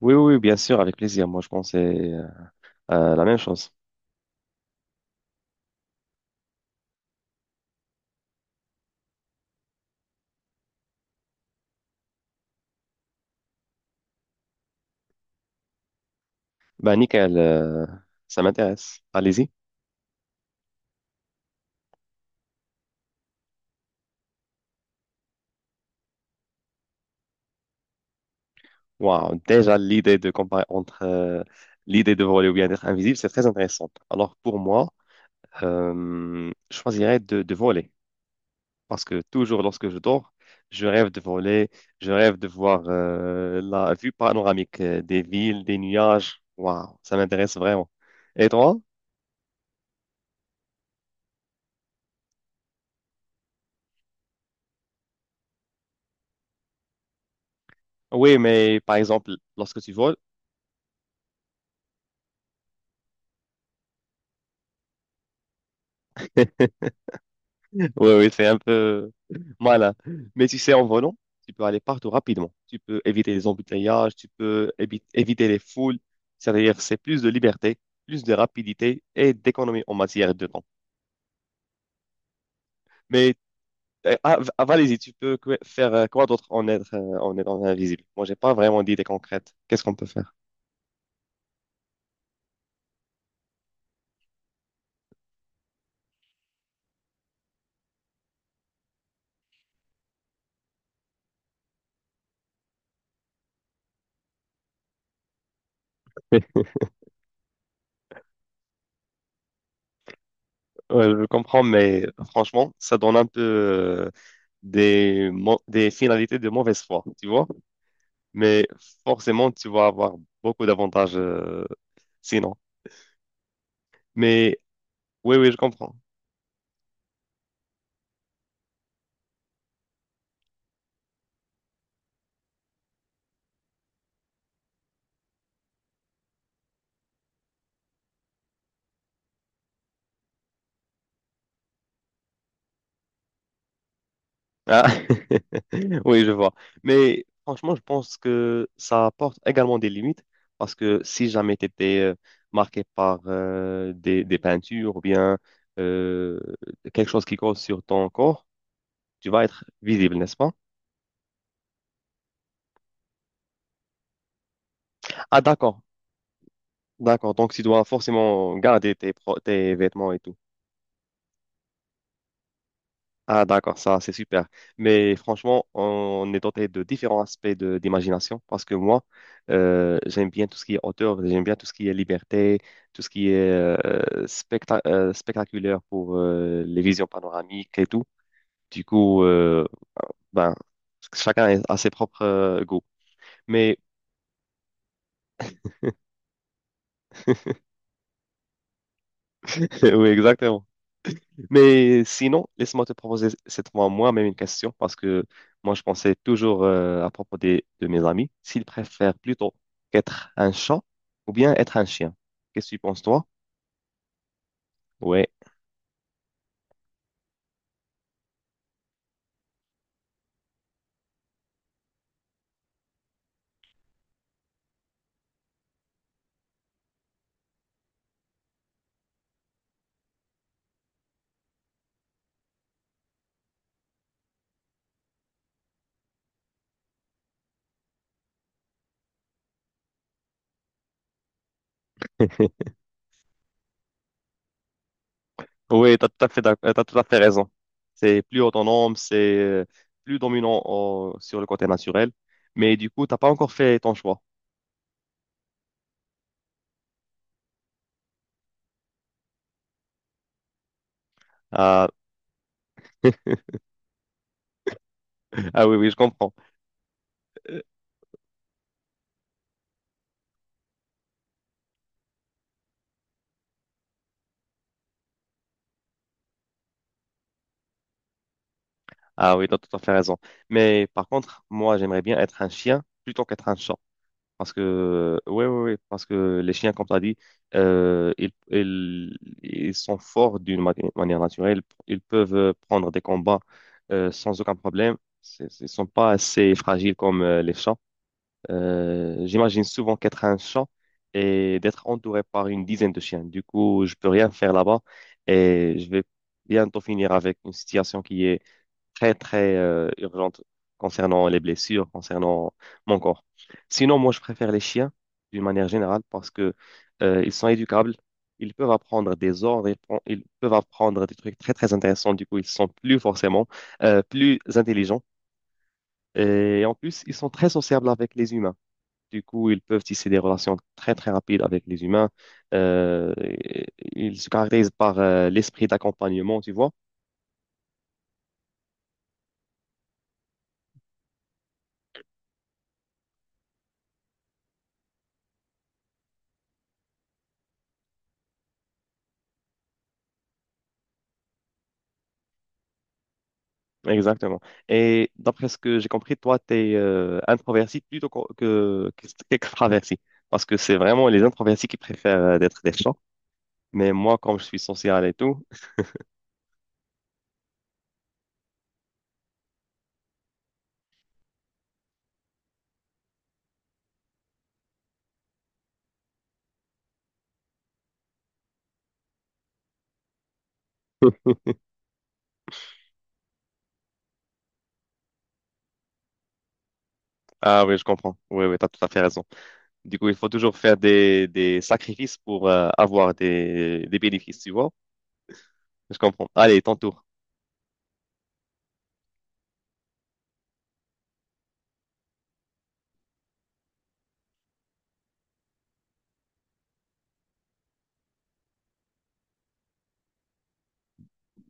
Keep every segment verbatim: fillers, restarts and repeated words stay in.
Oui, oui, bien sûr, avec plaisir. Moi, je pensais euh, à la même chose. Bah, nickel, euh, ça m'intéresse. Allez-y. Waouh, déjà, l'idée de comparer entre euh, l'idée de voler ou bien d'être invisible, c'est très intéressant. Alors, pour moi, euh, je choisirais de, de voler. Parce que toujours lorsque je dors, je rêve de voler, je rêve de voir euh, la vue panoramique euh, des villes, des nuages. Waouh, ça m'intéresse vraiment. Et toi? Oui, mais par exemple, lorsque tu voles, oui, oui, c'est un peu malin. Mais tu sais, en volant, tu peux aller partout rapidement. Tu peux éviter les embouteillages, tu peux évi- éviter les foules. C'est-à-dire, c'est plus de liberté, plus de rapidité et d'économie en matière de temps. Mais euh, ah, v- ah, vas-y, tu peux que- faire euh, quoi d'autre en être, euh, en étant invisible? Moi, j'ai pas vraiment d'idée concrète. Qu'est-ce qu'on peut faire? Ouais, je comprends, mais franchement, ça donne un peu euh, des, mo- des finalités de mauvaise foi, tu vois? Mais forcément, tu vas avoir beaucoup d'avantages euh, sinon. Mais oui, oui, je comprends. Ah, oui, je vois. Mais franchement, je pense que ça apporte également des limites parce que si jamais tu étais euh, marqué par euh, des, des peintures ou bien euh, quelque chose qui cause sur ton corps, tu vas être visible, n'est-ce pas? Ah, d'accord, d'accord. Donc, tu dois forcément garder tes, pro- tes vêtements et tout. Ah, d'accord, ça, c'est super. Mais franchement, on est doté de différents aspects de, d'imagination parce que moi, euh, j'aime bien tout ce qui est hauteur, j'aime bien tout ce qui est liberté, tout ce qui est euh, specta- euh, spectaculaire pour euh, les visions panoramiques et tout. Du coup, euh, ben, chacun a ses propres euh, goûts. Mais oui, exactement. Mais sinon, laisse-moi te proposer cette fois moi-même une question parce que moi, je pensais toujours euh, à propos des- de mes amis, s'ils préfèrent plutôt être un chat ou bien être un chien. Qu'est-ce que tu penses, toi? Ouais. Oui, tu as tout à fait, d'ac- euh, t'as tout à fait raison. C'est plus autonome, c'est euh, plus dominant au- sur le côté naturel. Mais du coup, t'as pas encore fait ton choix. Ah, ah oui, oui, je comprends. Euh, Ah oui, tu as tout à fait raison. Mais par contre, moi, j'aimerais bien être un chien plutôt qu'être un chat. Parce que, ouais, ouais, ouais, parce que les chiens, comme tu as dit, euh, ils, ils, ils sont forts d'une ma- manière naturelle. Ils peuvent euh, prendre des combats euh, sans aucun problème. C'est- Ils ne sont pas assez fragiles comme euh, les chats. Euh, j'imagine souvent qu'être un chat et d'être entouré par une dizaine de chiens. Du coup, je peux rien faire là-bas et je vais bientôt finir avec une situation qui est très, très euh, urgente concernant les blessures, concernant mon corps. Sinon, moi, je préfère les chiens d'une manière générale parce que euh, ils sont éducables, ils peuvent apprendre des ordres, ils, pon- ils peuvent apprendre des trucs très, très intéressants. Du coup, ils sont plus forcément euh, plus intelligents. Et en plus, ils sont très sociables avec les humains. Du coup, ils peuvent tisser des relations très, très rapides avec les humains. Euh, et- et ils se caractérisent par euh, l'esprit d'accompagnement, tu vois. Exactement. Et d'après ce que j'ai compris, toi, tu es euh, introverti plutôt qu'o- que, qu'extraverti. Parce que c'est vraiment les introvertis qui préfèrent euh, d'être des chats. Mais moi, comme je suis social et tout, ah oui, je comprends. Oui, oui, tu as tout à fait raison. Du coup, il faut toujours faire des, des sacrifices pour euh, avoir des, des bénéfices, tu vois? Je comprends. Allez, ton tour.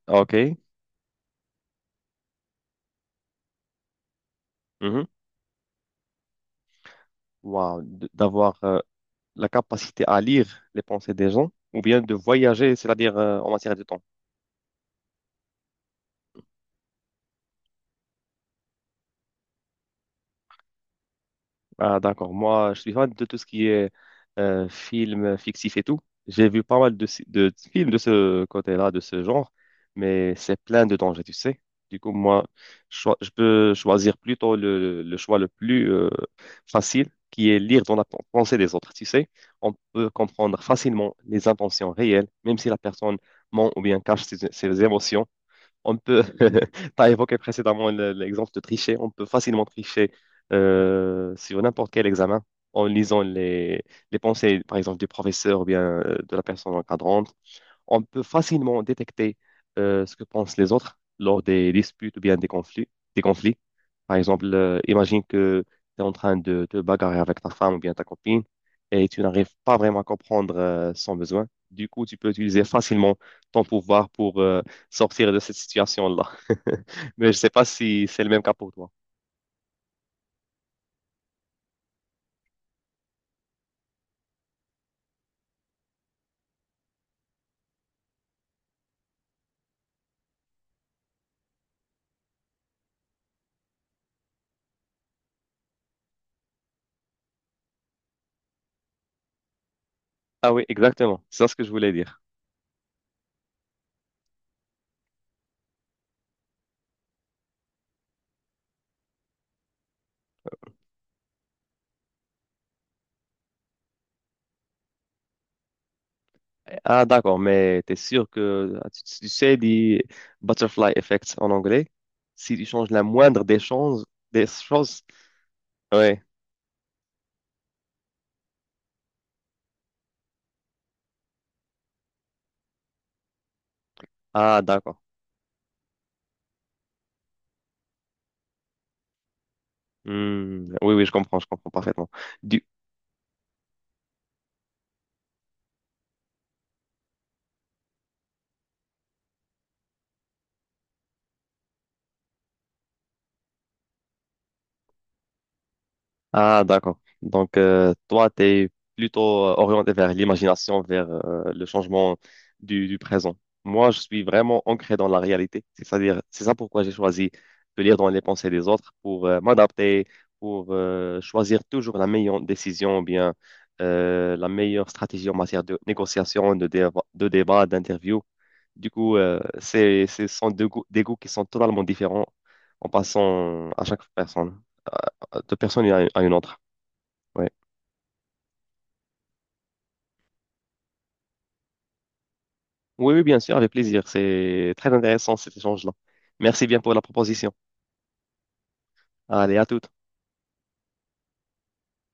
OK. Mhm. Wow. D- D'avoir euh, la capacité à lire les pensées des gens ou bien de voyager, c'est-à-dire euh, en matière de temps. Ah, d'accord. Moi, je suis fan de tout ce qui est euh, film fictif et tout. J'ai vu pas mal de, si- de films de ce côté-là, de ce genre, mais c'est plein de dangers, tu sais. Du coup, moi, cho- je peux choisir plutôt le, le choix le plus euh, facile, qui est lire dans la pen- pensée des autres, tu sais. On peut comprendre facilement les intentions réelles, même si la personne ment ou bien cache ses, ses émotions on peut, tu as évoqué précédemment le- l'exemple de tricher, on peut facilement tricher euh, sur n'importe quel examen en lisant les, les pensées, par exemple, du professeur ou bien euh, de la personne encadrante. On peut facilement détecter euh, ce que pensent les autres lors des disputes ou bien des conflits. Des conflits. Par exemple, euh, imagine que tu es en train de te bagarrer avec ta femme ou bien ta copine et tu n'arrives pas vraiment à comprendre euh, son besoin. Du coup, tu peux utiliser facilement ton pouvoir pour euh, sortir de cette situation-là. Mais je ne sais pas si c'est le même cas pour toi. Ah oui, exactement. C'est ça ce que je voulais dire. Ah, d'accord, mais t'es sûr que ah, tu, tu sais les butterfly effects en anglais? Si tu changes la moindre des choses, des choses, ouais. Ah, d'accord. Hmm, oui, oui, je comprends, je comprends parfaitement. Du, Ah, d'accord. Donc, euh, toi, tu es plutôt euh, orienté vers l'imagination, vers euh, le changement du, du présent. Moi, je suis vraiment ancré dans la réalité. C'est-à-dire, c'est ça pourquoi j'ai choisi de lire dans les pensées des autres pour euh, m'adapter, pour euh, choisir toujours la meilleure décision ou bien euh, la meilleure stratégie en matière de négociation, de, déva- de débat, d'interview. Du coup, euh, c'est, ce sont deux goûts- des goûts qui sont totalement différents en passant à chaque personne, de personne à une à une autre. Ouais. Oui, oui, bien sûr, avec plaisir. C'est très intéressant cet échange-là. Merci bien pour la proposition. Allez, à tout.